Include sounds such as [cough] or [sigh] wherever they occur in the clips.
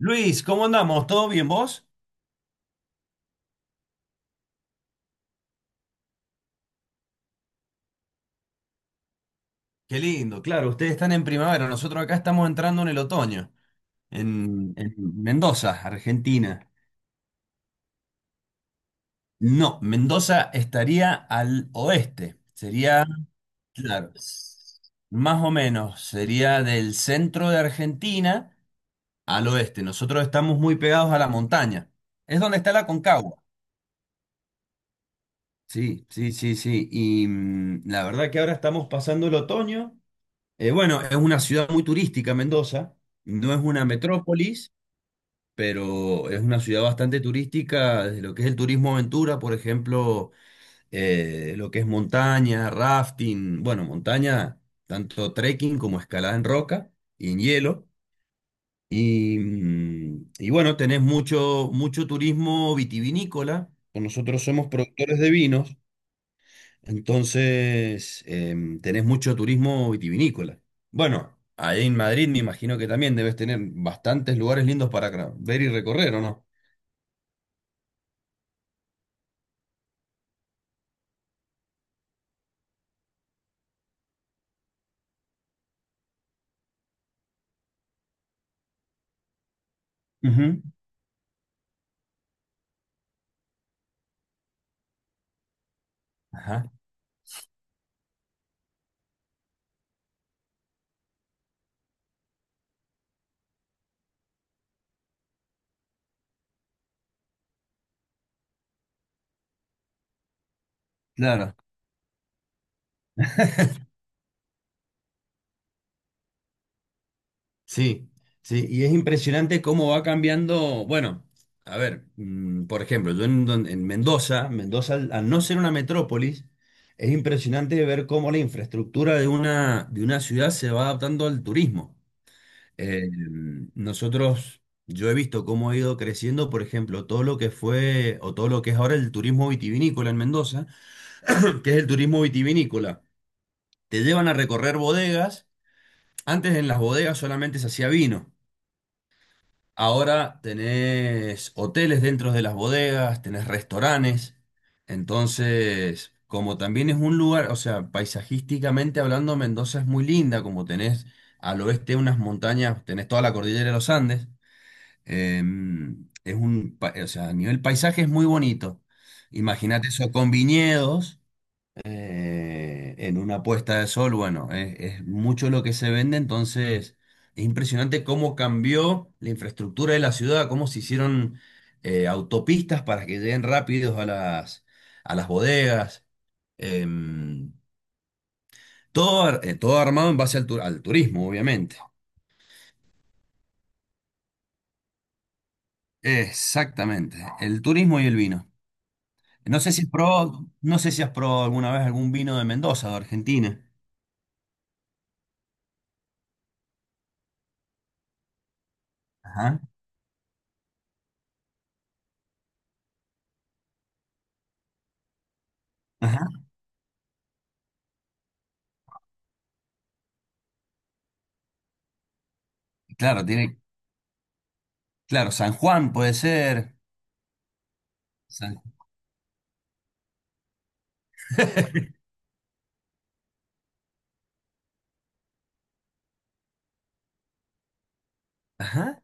Luis, ¿cómo andamos? ¿Todo bien vos? Qué lindo, claro, ustedes están en primavera, nosotros acá estamos entrando en el otoño, en Mendoza, Argentina. No, Mendoza estaría al oeste, sería, claro, más o menos, sería del centro de Argentina al oeste. Nosotros estamos muy pegados a la montaña, es donde está la Concagua. Sí, sí, sí, sí. Y la verdad que ahora estamos pasando el otoño. Bueno, es una ciudad muy turística, Mendoza. No es una metrópolis, pero es una ciudad bastante turística, desde lo que es el turismo aventura, por ejemplo, lo que es montaña, rafting, bueno, montaña, tanto trekking como escalada en roca y en hielo. Y, y bueno, tenés mucho turismo vitivinícola. Nosotros somos productores de vinos. Entonces, tenés mucho turismo vitivinícola. Bueno, ahí en Madrid me imagino que también debes tener bastantes lugares lindos para ver y recorrer, ¿o no? Ujú. Ajá, claro, sí, sí, y es impresionante cómo va cambiando, bueno, a ver, por ejemplo, en Mendoza, Mendoza al no ser una metrópolis, es impresionante ver cómo la infraestructura de una ciudad se va adaptando al turismo. Eh, Nosotros, yo he visto cómo ha ido creciendo, por ejemplo, todo lo que fue o todo lo que es ahora el turismo vitivinícola en Mendoza, [clears throat] que es el turismo vitivinícola. Te llevan a recorrer bodegas. Antes en las bodegas solamente se hacía vino. Ahora tenés hoteles dentro de las bodegas, tenés restaurantes. Entonces, como también es un lugar, o sea, paisajísticamente hablando, Mendoza es muy linda, como tenés al oeste unas montañas, tenés toda la cordillera de los Andes. O sea, a nivel paisaje es muy bonito. Imagínate eso con viñedos, en una puesta de sol, bueno, es mucho lo que se vende, entonces es impresionante cómo cambió la infraestructura de la ciudad, cómo se hicieron autopistas para que lleguen rápidos a las bodegas. Em, Todo armado en base al turismo, obviamente. Exactamente, el turismo y el vino. No sé si probó, no sé si has probado alguna vez algún vino de Mendoza, de Argentina. Ajá, ajá. Claro, tiene, claro, San Juan puede ser. San- [laughs] Ajá.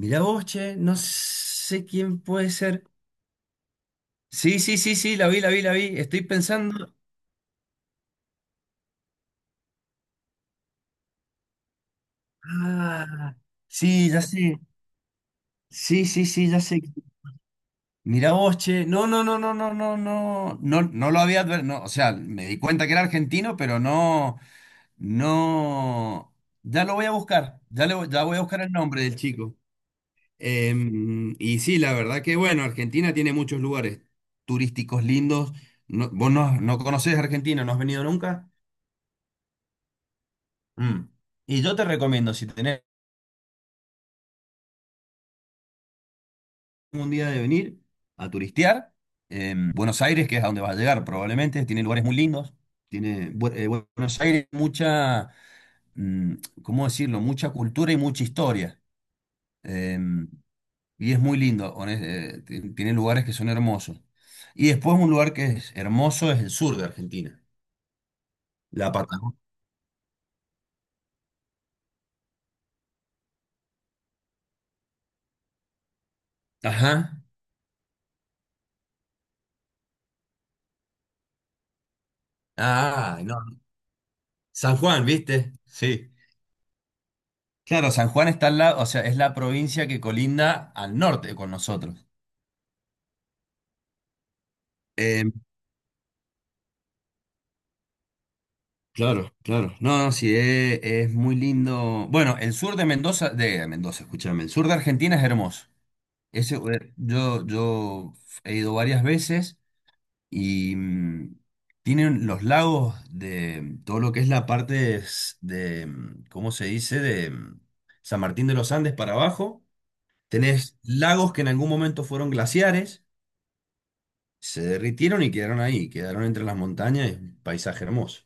Mirá vos, che, no sé quién puede ser. Sí, sí, sí, sí, la vi, la vi, la vi. Estoy pensando. Ah, sí, ya sé. Sí, sí, sí, ya sé. Mirá vos, che. No, no, no, no, no, no, no. No, o sea, me di cuenta que era argentino, pero no. No, ya lo voy a buscar, ya voy a buscar el nombre del chico. Y sí, la verdad que bueno, Argentina tiene muchos lugares turísticos lindos. Vos no, no conocés Argentina, no has venido nunca. Mm. Y yo te recomiendo, si tenés un día de venir a turistear, Buenos Aires, que es a donde vas a llegar probablemente, tiene lugares muy lindos. Tiene, Bu- eh, Buenos Aires, mucha, mm, ¿cómo decirlo? Mucha cultura y mucha historia. Em, Y es muy lindo, tiene lugares que son hermosos. Y después un lugar que es hermoso es el sur de Argentina, la Patagonia. Ajá. Ah, no. San Juan, ¿viste? Sí. Claro, San Juan está al lado, o sea, es la provincia que colinda al norte con nosotros. Eh, claro, claro. No, no, sí, es muy lindo. Bueno, el sur de Mendoza, escúchame, el sur de Argentina es hermoso. Ese, yo he ido varias veces. Y tienen los lagos de todo lo que es la parte s- de, mm, ¿cómo se dice? San Martín de los Andes para abajo. Tenés lagos que en algún momento fueron glaciares, se derritieron y quedaron ahí, quedaron entre las montañas, y un paisaje hermoso.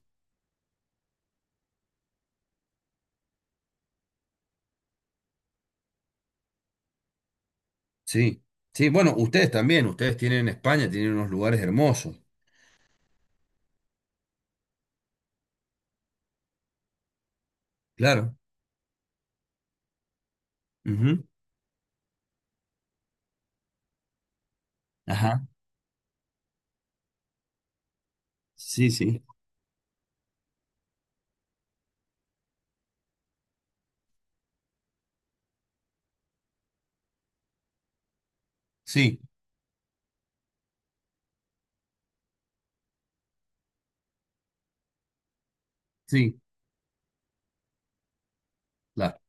Sí, sí, bueno, ustedes también, ustedes tienen en España, tienen unos lugares hermosos, claro. Ujú. Ajá, sí, sí, sí, sí, claro.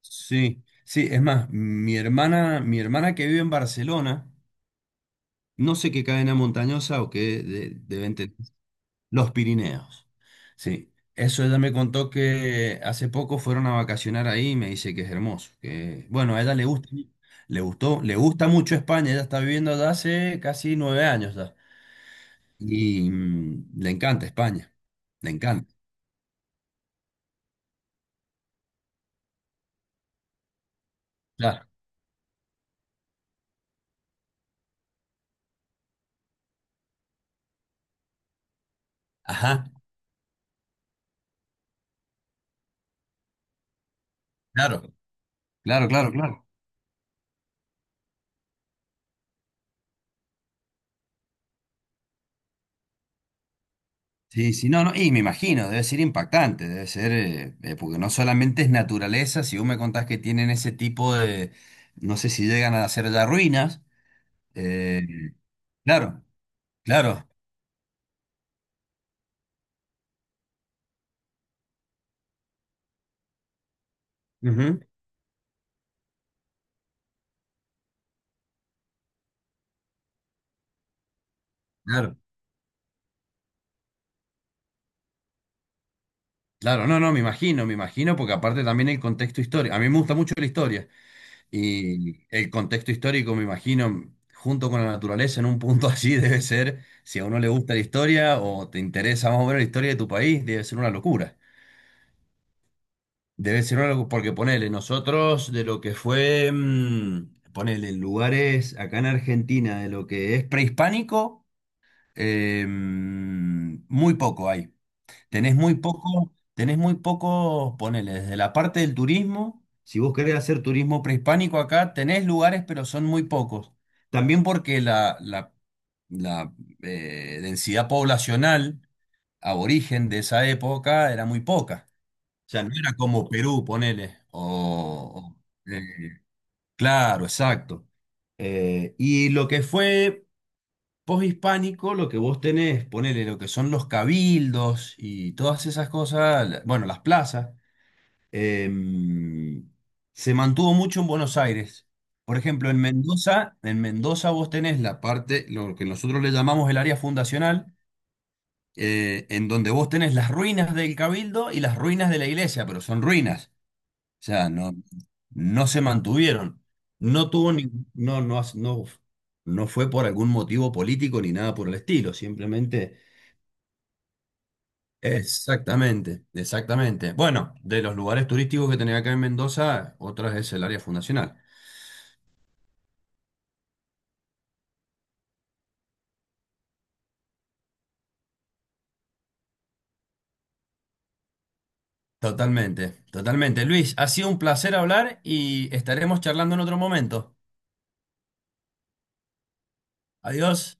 Sí, sí, es más, mi hermana que vive en Barcelona, no sé qué cadena montañosa o qué deben tener, los Pirineos. Sí, eso ella me contó que hace poco fueron a vacacionar ahí y me dice que es hermoso, que bueno, a ella le gusta, le gustó, le gusta mucho España, ella está viviendo allá hace casi 9 años ya. Y le encanta España, le encanta. Claro. Ajá, claro, claro, claro, claro. Sí, sí, no, no, y me imagino, debe ser impactante, debe ser, porque no solamente es naturaleza, si vos me contás que tienen ese tipo de, no sé si llegan a hacer ya ruinas, eh, claro, claro, ujú, claro, claro, no, no, me imagino, porque aparte también el contexto histórico, a mí me gusta mucho la historia, y el contexto histórico, me imagino, junto con la naturaleza, en un punto [laughs] así debe ser, si a uno le gusta la historia o te interesa más o menos la historia de tu país, debe ser una locura. Debe ser algo, porque ponele, nosotros de lo que fue, ponele, en lugares acá en Argentina, de lo que es prehispánico, muy poco hay. Tenés muy poco, ponele, desde la parte del turismo, si vos querés hacer turismo prehispánico acá, tenés lugares, pero son muy pocos. También porque la densidad poblacional aborigen de esa época era muy poca. O sea, no era como Perú, ponele. O, o, eh, claro, exacto. Y lo que fue poshispánico, lo que vos tenés, ponele lo que son los cabildos y todas esas cosas, bueno, las plazas, em, se mantuvo mucho en Buenos Aires. Por ejemplo, en Mendoza vos tenés la parte, lo que nosotros le llamamos el área fundacional, en donde vos tenés las ruinas del cabildo y las ruinas de la iglesia, pero son ruinas. O sea, no, no se mantuvieron. No tuvo ni- no, no, no, no fue por algún motivo político ni nada por el estilo, simplemente. Exactamente, exactamente. Bueno, de los lugares turísticos que tenía acá en Mendoza, otra es el área fundacional. Totalmente, totalmente. Luis, ha sido un placer hablar y estaremos charlando en otro momento. Adiós.